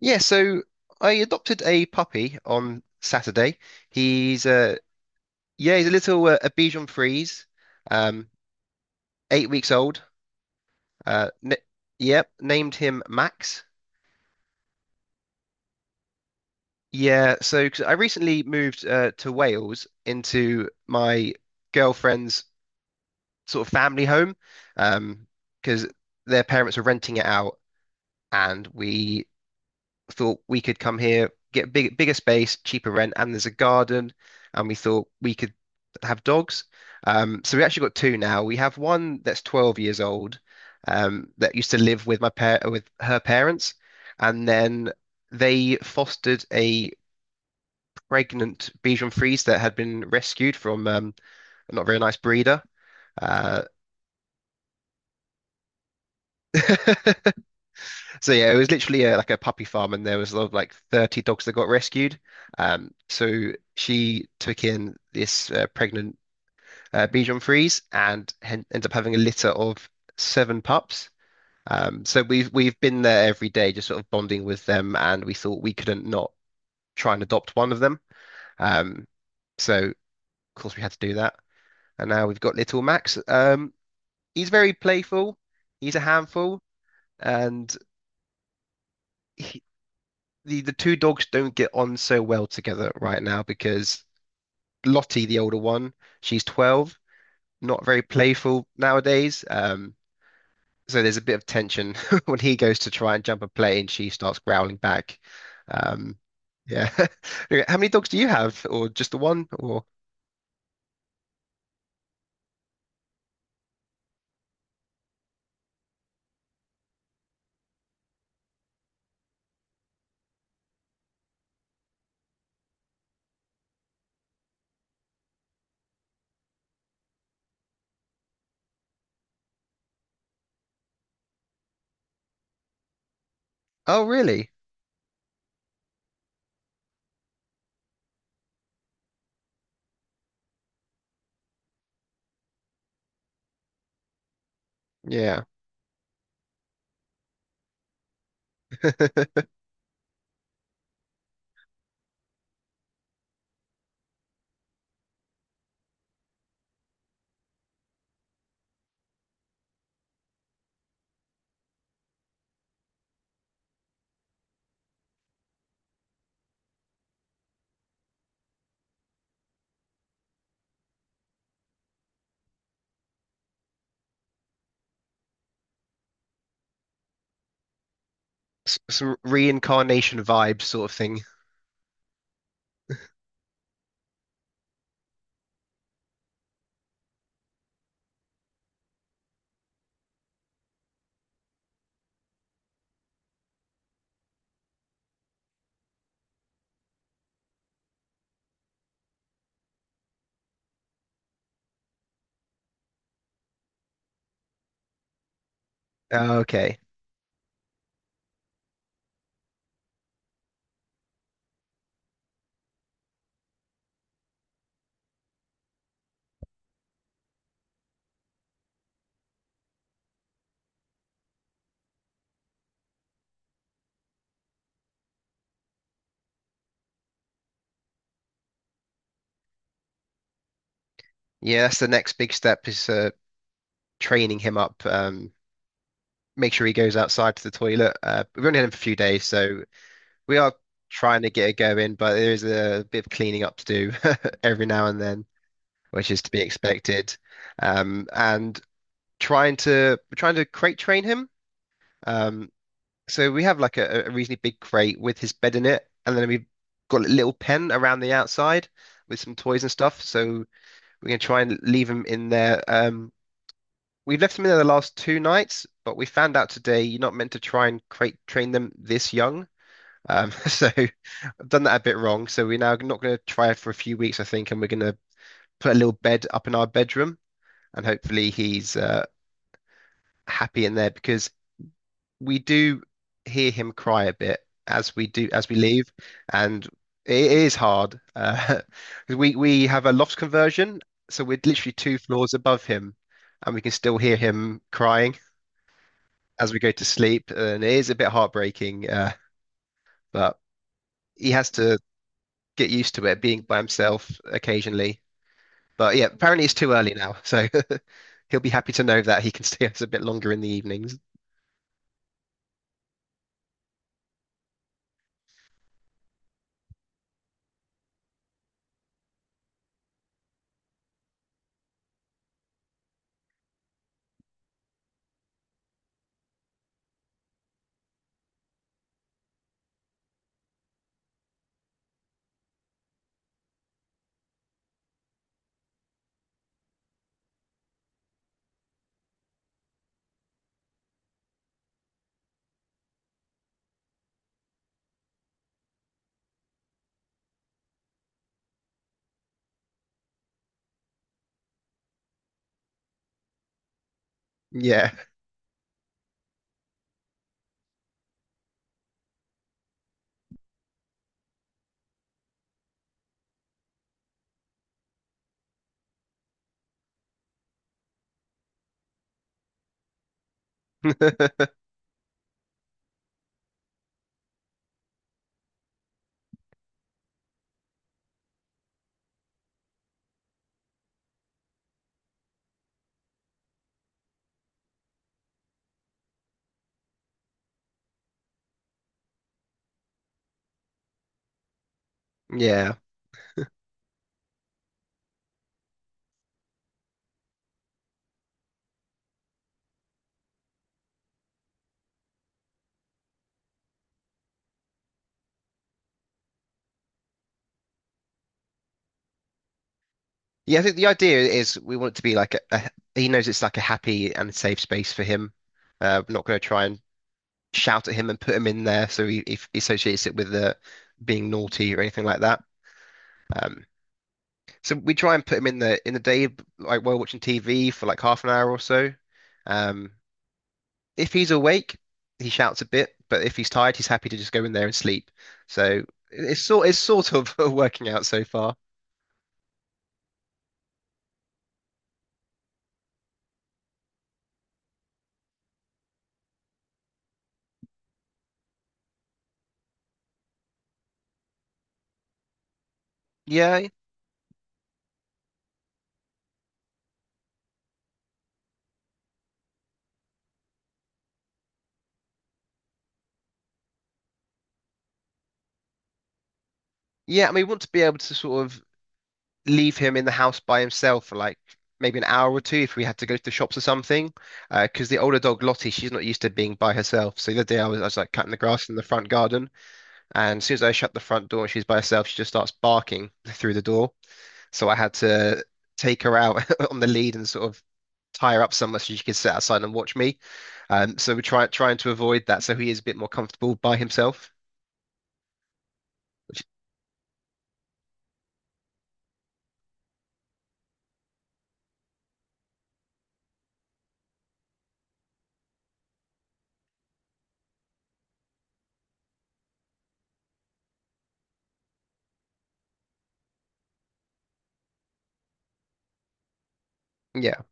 Yeah, so I adopted a puppy on Saturday. He's yeah, he's a little a Bichon Frise, um, 8 weeks old. N Yep, named him Max. Yeah, so 'cause I recently moved to Wales into my girlfriend's sort of family home, um, because their parents were renting it out, and we thought we could come here, get bigger space, cheaper rent, and there's a garden, and we thought we could have dogs. So we actually got two now. We have one that's 12 years old, that used to live with my par with her parents, and then they fostered a pregnant Bichon Frise that had been rescued from a not very nice breeder. Uh, So yeah, it was literally like a puppy farm, and there was a lot of like 30 dogs that got rescued. So she took in this pregnant Bichon Frise and hen ended up having a litter of seven pups. So we've been there every day, just sort of bonding with them, and we thought we couldn't not try and adopt one of them. Um, so of course we had to do that, and now we've got little Max. He's very playful. He's a handful, and. The two dogs don't get on so well together right now because Lottie, the older one, she's 12, not very playful nowadays. So there's a bit of tension when he goes to try and jump a play, and she starts growling back. Um, yeah. How many dogs do you have, or just the one? Or oh, really? Yeah. Some reincarnation vibe sort of thing. Oh, okay. Yeah, that's the next big step is training him up. Make sure he goes outside to the toilet. We've only had him for a few days, so we are trying to get it going, but there is a bit of cleaning up to do every now and then, which is to be expected. And trying to we're trying to crate train him. Um, so we have like a reasonably big crate with his bed in it, and then we've got a little pen around the outside with some toys and stuff. So we're gonna try and leave him in there. We've left them in there the last two nights, but we found out today you're not meant to try and crate train them this young. So I've done that a bit wrong. So we're now not going to try it for a few weeks, I think, and we're going to put a little bed up in our bedroom, and hopefully he's happy in there because we do hear him cry a bit as we leave, and it is hard. 'Cause we have a loft conversion, so we're literally two floors above him, and we can still hear him crying as we go to sleep, and it is a bit heartbreaking. But he has to get used to it being by himself occasionally. But yeah, apparently it's too early now, so he'll be happy to know that he can stay us a bit longer in the evenings. Yeah, yeah, yeah. I think the idea is we want it to be like a he knows it's like a happy and safe space for him. We're not going to try and shout at him and put him in there, so he associates it with being naughty or anything like that. Um, So we try and put him in the day, like while watching TV for like half an hour or so. Um, if he's awake, he shouts a bit, but if he's tired, he's happy to just go in there and sleep. So it's sort of working out so far. Yeah, yeah. I mean, we want to be able to sort of leave him in the house by himself for like maybe an hour or two if we had to go to the shops or something. Because the older dog Lottie, she's not used to being by herself. So the other day I was like cutting the grass in the front garden. And as soon as I shut the front door and she's by herself, she just starts barking through the door. So I had to take her out on the lead and sort of tie her up somewhere so she could sit outside and watch me. So trying to avoid that so he is a bit more comfortable by himself. Which- yeah,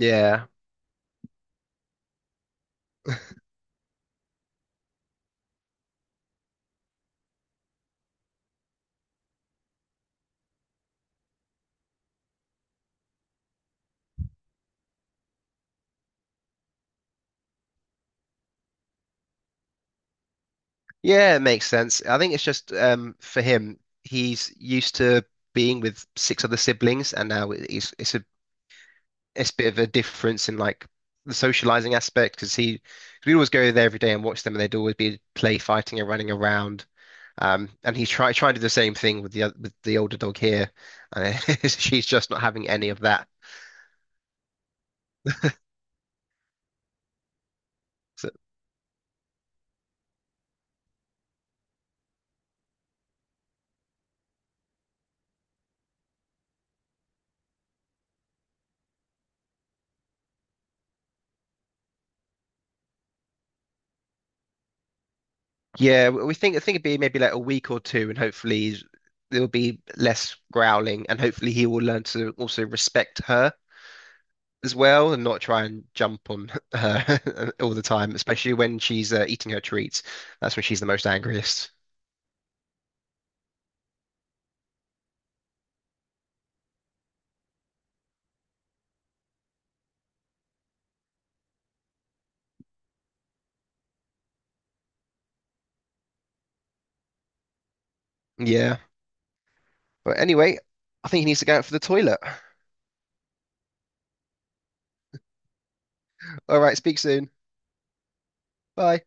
yeah, yeah, it makes sense. I think it's just for him, he's used to being with six other siblings, and now he's it's a bit of a difference in like the socializing aspect because he we always go there every day and watch them and they'd always be play fighting and running around. And he tried trying to do the same thing with with the older dog here, and she's just not having any of that. So, yeah, we think I think it'd be maybe like a week or two, and there'll be less growling, and hopefully he will learn to also respect her as well, and not try and jump on her all the time, especially when she's eating her treats. That's when she's the most angriest. Yeah. But anyway, I think he needs to go out for the toilet. All right, speak soon. Bye.